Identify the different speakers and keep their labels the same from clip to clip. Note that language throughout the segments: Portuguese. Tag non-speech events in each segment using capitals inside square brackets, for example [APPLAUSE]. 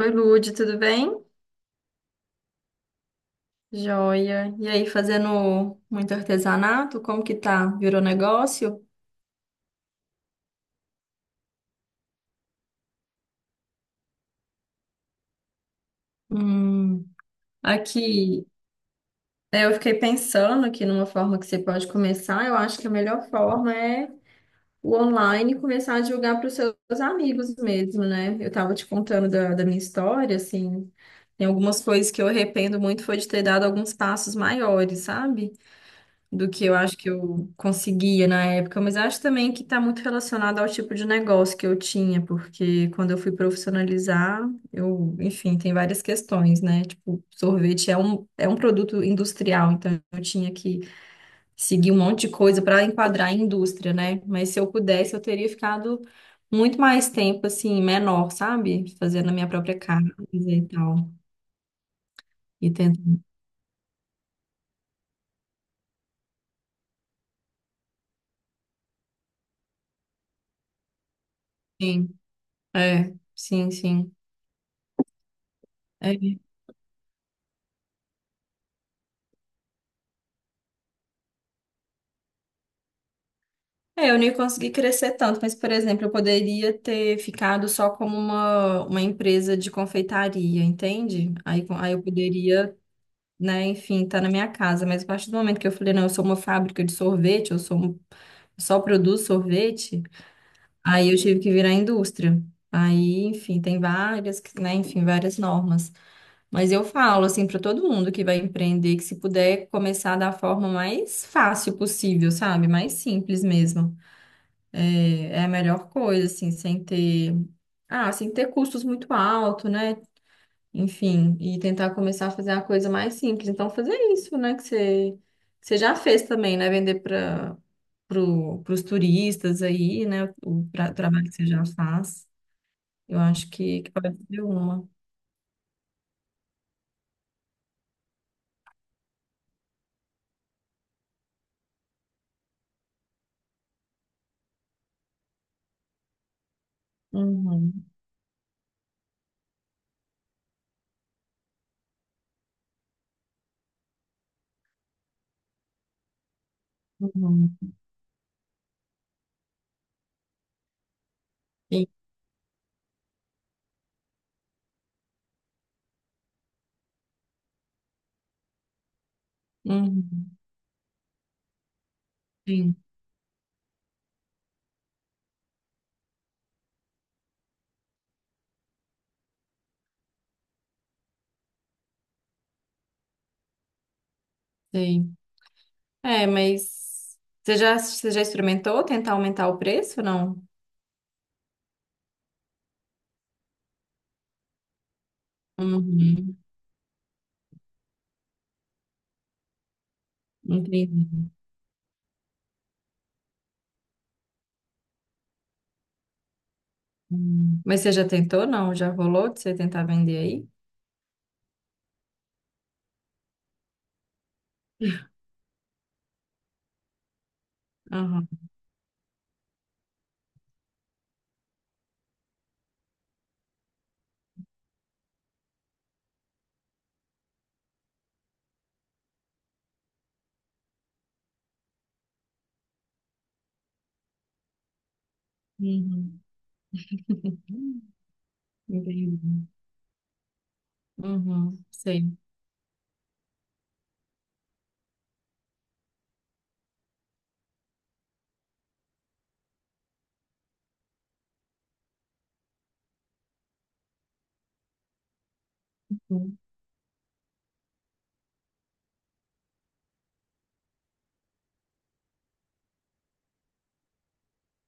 Speaker 1: Oi, Lude, tudo bem? Joia. E aí, fazendo muito artesanato? Como que tá? Virou negócio? Hum, aqui, é, eu fiquei pensando aqui numa forma que você pode começar. Eu acho que a melhor forma é o online, começar a divulgar para os seus amigos mesmo, né? Eu tava te contando da minha história, assim, tem algumas coisas que eu arrependo muito, foi de ter dado alguns passos maiores, sabe? Do que eu acho que eu conseguia na época, mas acho também que está muito relacionado ao tipo de negócio que eu tinha, porque quando eu fui profissionalizar, eu, enfim, tem várias questões, né? Tipo, sorvete é um produto industrial, então eu tinha que seguir um monte de coisa para enquadrar a indústria, né? Mas se eu pudesse, eu teria ficado muito mais tempo, assim, menor, sabe? Fazendo a minha própria casa e tal. E tentando. Sim, é, sim, sim. É. É, eu nem consegui crescer tanto, mas, por exemplo, eu poderia ter ficado só como uma empresa de confeitaria, entende? Aí, co- aí eu poderia, né, enfim, estar na minha casa, mas a partir do momento que eu falei, não, eu sou uma fábrica de sorvete, eu sou um- eu só produzo sorvete, aí eu tive que virar indústria. Aí, enfim, tem várias, que- né, enfim, várias normas. Mas eu falo, assim, para todo mundo que vai empreender, que se puder começar da forma mais fácil possível, sabe? Mais simples mesmo. É, é a melhor coisa, assim, sem ter, ah, sem ter custos muito alto, né? Enfim, e tentar começar a fazer uma coisa mais simples. Então, fazer isso, né? Que você já fez também, né? Vender para pro, os turistas aí, né? O, tra- trabalho que você já faz. Eu acho que pode ser uma. Uhum, uhum. Sim, uhum, sim, sei. É, mas você já experimentou tentar aumentar o preço, não? Uhum, entendi. Hum. Mas você já tentou, não? Já rolou de você tentar vender aí? Aham. Uhum. [LAUGHS] Entendi. Uhum. Sei. Uhum.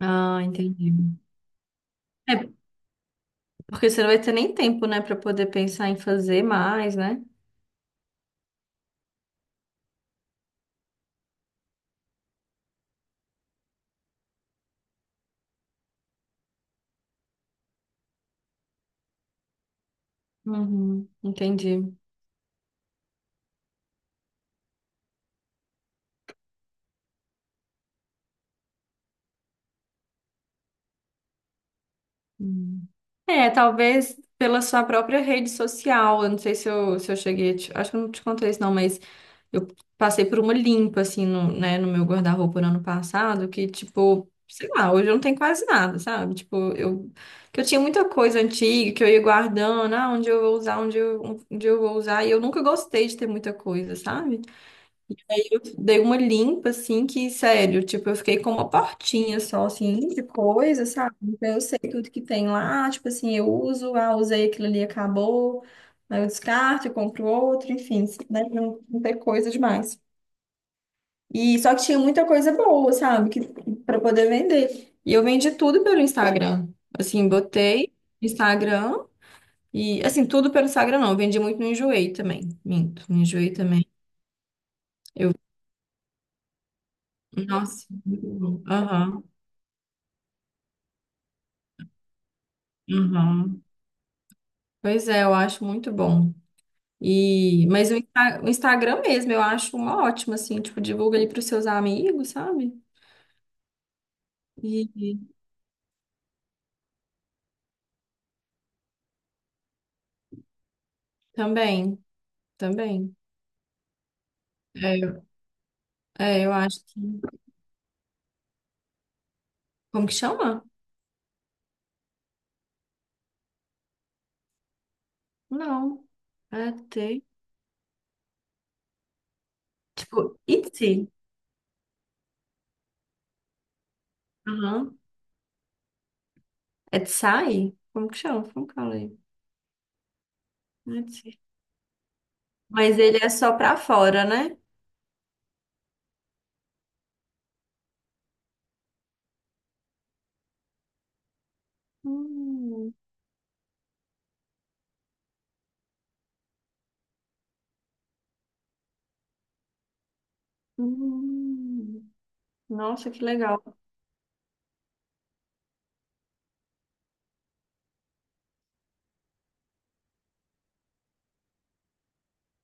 Speaker 1: Ah, entendi. É, porque você não vai ter nem tempo, né, para poder pensar em fazer mais, né? Uhum. Entendi. Hum. É, talvez pela sua própria rede social. Eu não sei se eu cheguei a te- Acho que eu não te contei isso, não, mas eu passei por uma limpa, assim, no, né, no meu guarda-roupa no ano passado, que, tipo, sei lá, hoje eu não tenho quase nada, sabe? Tipo, eu, que eu tinha muita coisa antiga que eu ia guardando, ah, onde eu vou usar, onde eu vou usar, e eu nunca gostei de ter muita coisa, sabe? Eu dei uma limpa, assim, que, sério, tipo, eu fiquei com uma portinha só, assim, de coisa, sabe? Então eu sei tudo que tem lá, tipo assim, eu uso, ah, usei aquilo ali, acabou, aí eu descarto, eu compro outro, enfim, né? Não, não tem coisa demais. E só que tinha muita coisa boa, sabe? Que, para poder vender. E eu vendi tudo pelo Instagram. Assim, botei Instagram e, assim, tudo pelo Instagram não, eu vendi muito no Enjoei também. Minto, no Enjoei também. Nossa, muito bom. Aham. Uhum. Pois é, eu acho muito bom. E, mas o, Insta- o Instagram mesmo, eu acho uma ótima, assim, tipo, divulga ali para os seus amigos, sabe? E e também, também. É, eu- é, eu acho que. Como que chama? Não. É T. Tipo, Etsy. Aham. Etsy? Como que chama? Como que eu falei? Etsy. Mas ele é só para fora, né? Hum, hum. Nossa, que legal.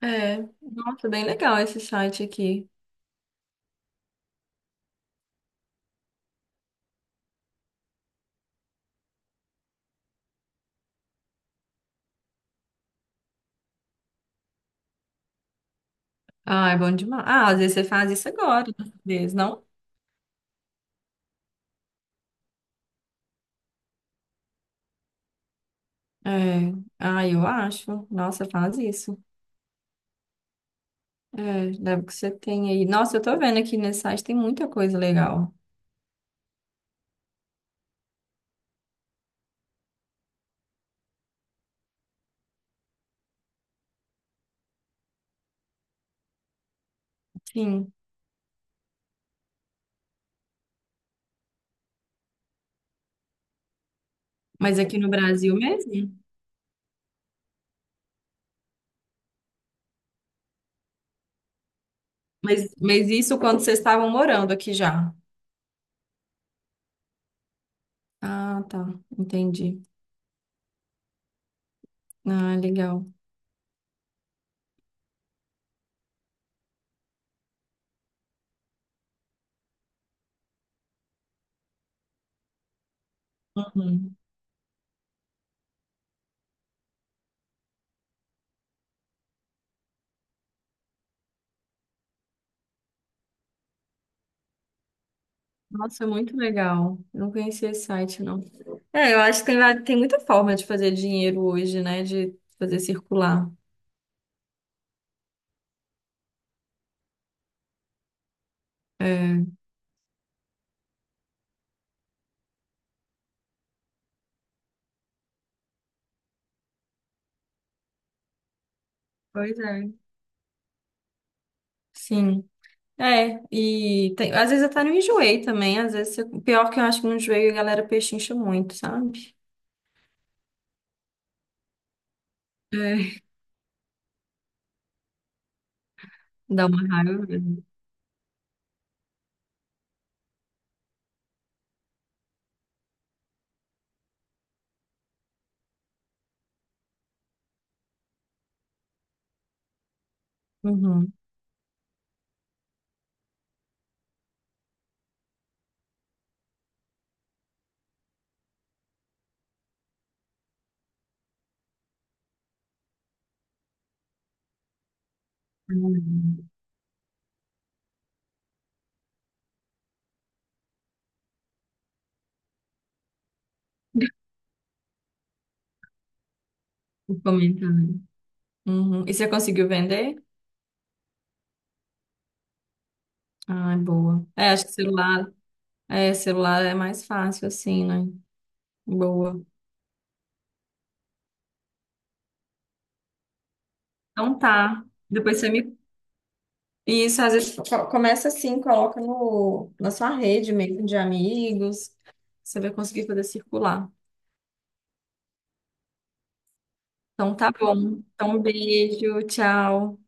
Speaker 1: É, nossa, bem legal esse site aqui. Ah, é bom demais. Ah, às vezes você faz isso agora, né, às vezes, não? É. Ah, eu acho. Nossa, faz isso. É, deve que você tem aí. Nossa, eu tô vendo aqui nesse site tem muita coisa legal. Sim. Mas aqui no Brasil mesmo? Mas isso quando vocês estavam morando aqui já? Ah, tá. Entendi. Ah, legal. Uhum. Nossa, muito legal. Eu não conhecia esse site, não. É, eu acho que tem, va- tem muita forma de fazer dinheiro hoje, né? De fazer circular. É. Pois é. Sim. É, e tem- às vezes até não enjoei também, às vezes, eu- pior que eu acho que não enjoei, a galera pechincha muito, sabe? É. Dá uma raiva mesmo. Uhum. Hum. O comentário. Uhum. E você conseguiu vender? Ah, é boa. É, acho que celular é mais fácil assim, né? Boa. Então tá. Depois você me. Isso, às vezes co- começa assim, coloca no, na sua rede mesmo de amigos. Você vai conseguir fazer circular. Então tá bom. Então, um beijo, tchau.